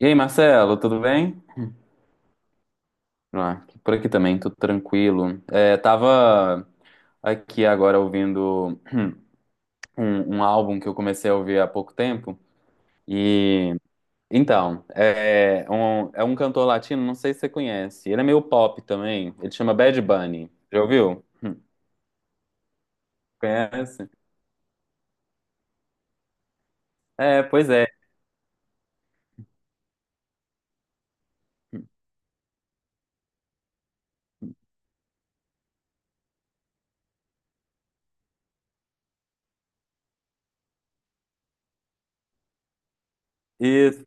E aí, Marcelo, tudo bem? Ah, por aqui também, tudo tranquilo. Tava aqui agora ouvindo um álbum que eu comecei a ouvir há pouco tempo. E então, é um cantor latino, não sei se você conhece. Ele é meio pop também. Ele chama Bad Bunny. Já ouviu? Conhece? É, pois é. Isso.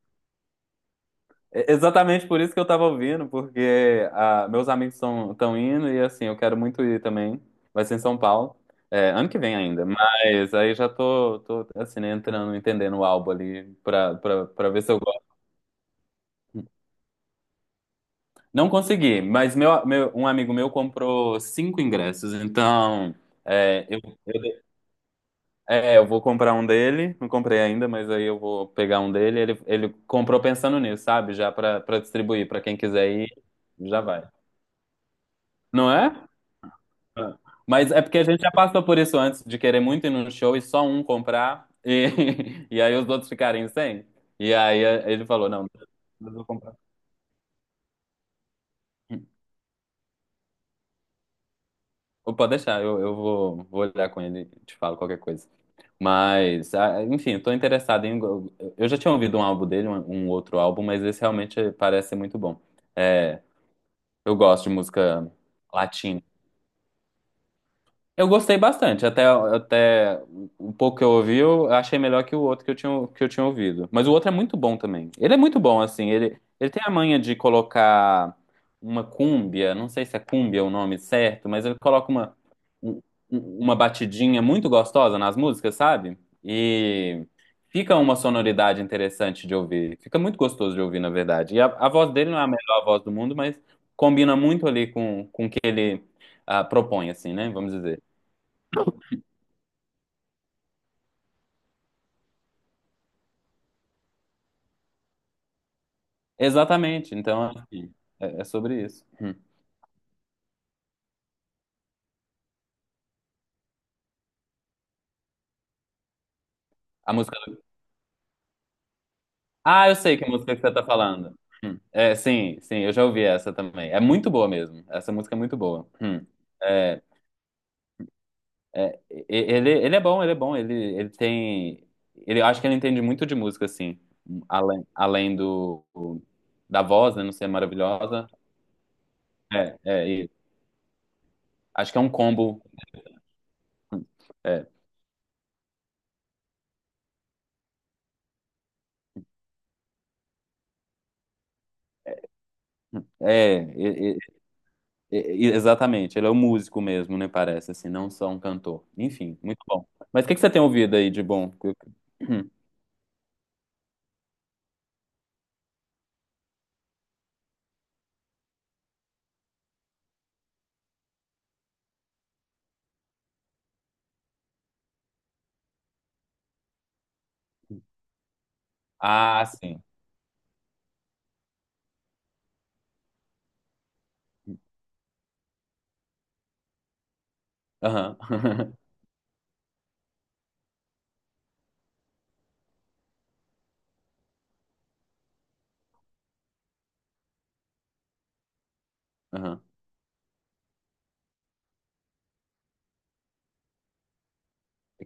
É Exatamente por isso que eu tava ouvindo, porque meus amigos estão indo e assim, eu quero muito ir também. Vai ser em São Paulo, é, ano que vem ainda, mas aí já tô assim, né, entrando, entendendo o álbum ali pra ver se eu gosto. Não consegui, mas um amigo meu comprou 5 ingressos, então é, eu, eu, eu vou comprar um dele, não comprei ainda, mas aí eu vou pegar um dele. Ele comprou pensando nisso, sabe? Já pra distribuir, pra quem quiser ir, já vai. Não é? Ah. Mas é porque a gente já passou por isso antes de querer muito ir num show e só um comprar e, e aí os outros ficarem sem. E aí ele falou, não, eu vou comprar. Ou pode deixar, eu vou, vou olhar com ele e te falo qualquer coisa. Mas, ah, enfim, tô interessado em. Eu já tinha ouvido um álbum dele, um outro álbum, mas esse realmente parece ser muito bom. É, eu gosto de música latina. Eu gostei bastante, até um pouco que eu ouvi, eu achei melhor que o outro que eu tinha ouvido. Mas o outro é muito bom também. Ele é muito bom, assim, ele tem a manha de colocar uma cúmbia, não sei se é cúmbia o nome certo, mas ele coloca um- uma batidinha muito gostosa nas músicas, sabe? E fica uma sonoridade interessante de ouvir, fica muito gostoso de ouvir, na verdade. E a voz dele não é a melhor voz do mundo, mas combina muito ali com o que ele propõe, assim, né? Vamos dizer. Exatamente. Então, acho que é sobre isso. Hum. A música. Ah, eu sei que música que você tá falando. Hum. É, sim, sim, eu já ouvi essa também. É muito boa mesmo. Essa música é muito boa. Hum. É, ele, ele é bom, ele é bom. Ele tem. Ele, eu acho que ele entende muito de música, assim. Além da voz, né? Não ser maravilhosa. E acho que é um combo. É, é, Exatamente, ele é um músico mesmo, né? Parece assim, não só um cantor. Enfim, muito bom. Mas o que que você tem ouvido aí de bom? Ah, sim. Aham. Aham.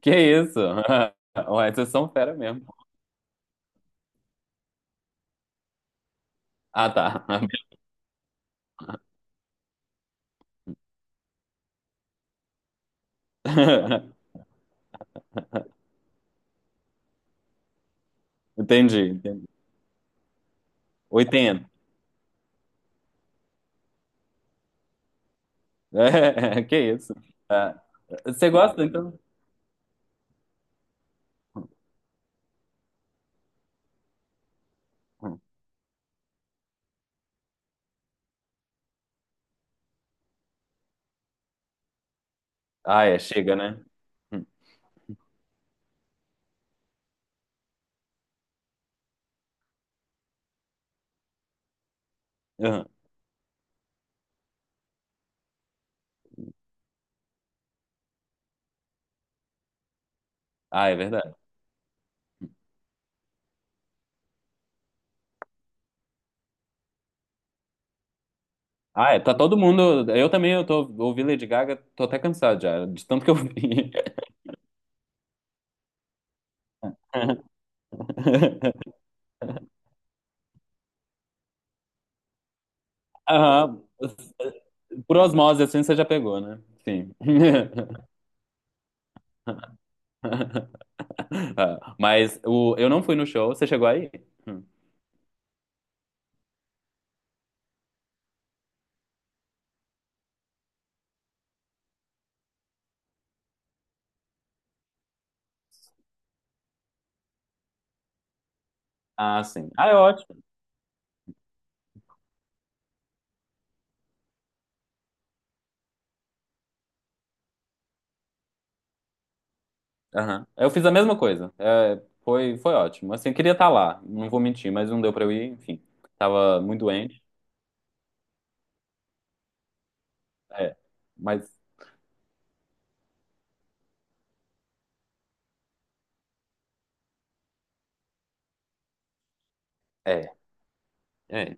Que isso? Ué, vocês são fera mesmo. Ah, tá. Entendi, entendi. 80. É, que isso? Ah, você gosta, então? Hum. Ah, é, chega, né? Hum, aham. Ah, é verdade. Ah, é, tá todo mundo. Eu também, eu tô ouvindo Lady Gaga, tô até cansado já, de tanto que eu vi. Aham. Por osmose, assim, você já pegou, né? Sim. Ah, mas o, eu não fui no show. Você chegou aí? Hum. Ah, sim. Ah, é ótimo. Aham. Eu fiz a mesma coisa. É, foi, foi ótimo. Assim, eu queria estar lá. Não vou mentir, mas não deu pra eu ir. Enfim, tava muito doente. É. Mas, é. É.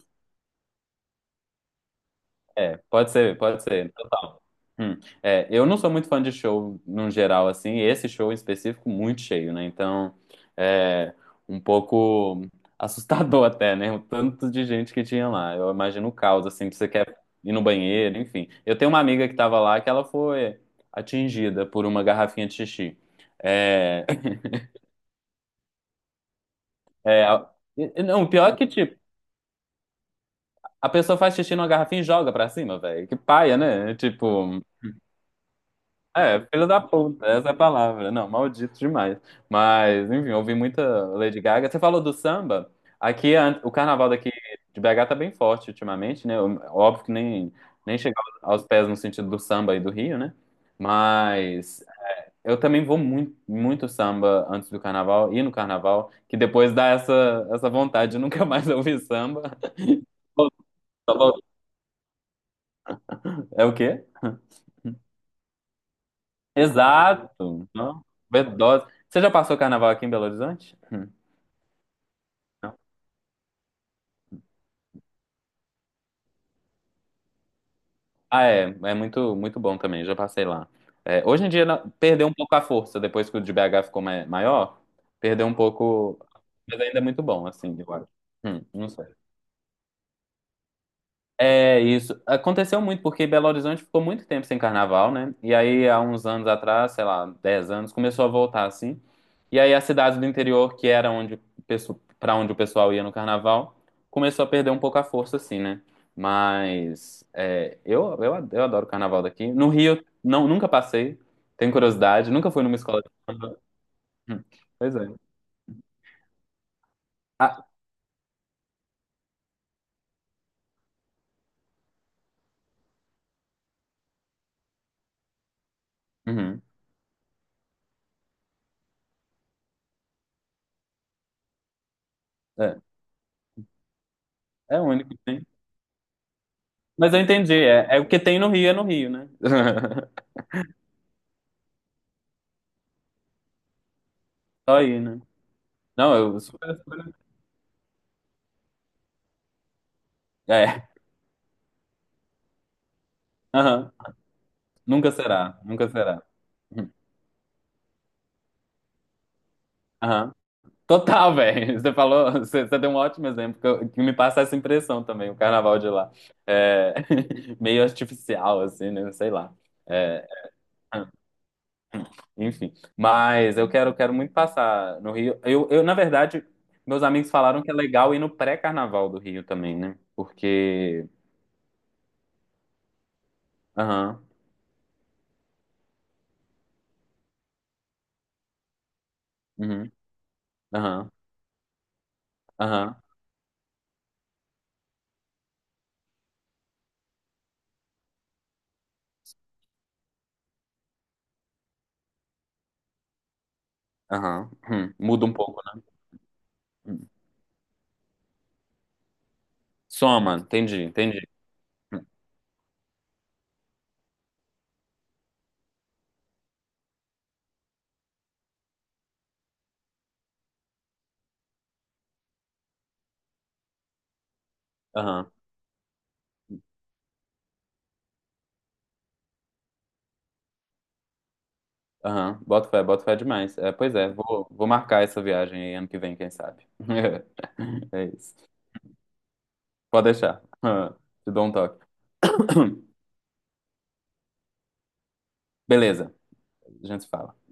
É, pode ser, total. Hum. É, eu não sou muito fã de show num geral, assim, e esse show em específico muito cheio, né? Então, é um pouco assustador até, né? O tanto de gente que tinha lá. Eu imagino o caos, assim, que você quer ir no banheiro, enfim. Eu tenho uma amiga que tava lá que ela foi atingida por uma garrafinha de xixi. É, é, a- e não, o pior é que, tipo, a pessoa faz xixi numa garrafinha e joga pra cima, velho. Que paia, né? Tipo. É, filho da puta, essa é a palavra. Não, maldito demais. Mas, enfim, eu ouvi muita Lady Gaga. Você falou do samba? Aqui, a- o carnaval daqui de BH tá bem forte ultimamente, né? Óbvio que nem chega aos pés no sentido do samba e do Rio, né? Mas eu também vou muito, muito samba antes do carnaval e no carnaval, que depois dá essa vontade de nunca mais ouvir samba. É o quê? Exato. Não? Overdose. Você já passou carnaval aqui em Belo Horizonte? Ah, é, é muito, muito bom também, já passei lá. É, hoje em dia na- perdeu um pouco a força, depois que o de BH ficou ma- maior, perdeu um pouco, mas ainda é muito bom, assim, eu acho. Não sei. É isso. Aconteceu muito, porque Belo Horizonte ficou muito tempo sem carnaval, né? E aí, há uns anos atrás, sei lá, 10 anos, começou a voltar assim. E aí, as cidades do interior, que era onde para onde o pessoal ia no carnaval, começou a perder um pouco a força, assim, né? Mas é, eu adoro o carnaval daqui. No Rio, não, nunca passei, tenho curiosidade, nunca fui numa escola de samba. Hum, Pois é. Ah, uhum, é, é o único que tem. Mas eu entendi, é, é o que tem no Rio, é no Rio, né? Só aí, né? Não, eu super, super- É. Aham. Nunca será, nunca será. Aham. Total, velho. Você falou, você deu um ótimo exemplo que, eu- que me passa essa impressão também, o carnaval de lá. É, meio artificial, assim, né? Sei lá. É, enfim. Mas eu quero, quero muito passar no Rio. Na verdade, meus amigos falaram que é legal ir no pré-carnaval do Rio também, né? Porque. Aham. Uhum, aham. Aham. Aham. Hum, muda um pouco, né? Soma, entendi, entendi. Aham, aham. Bota fé demais. É, pois é, vou marcar essa viagem aí ano que vem, quem sabe. É isso. Pode deixar. Ah, te dou um toque. Beleza, a gente se fala.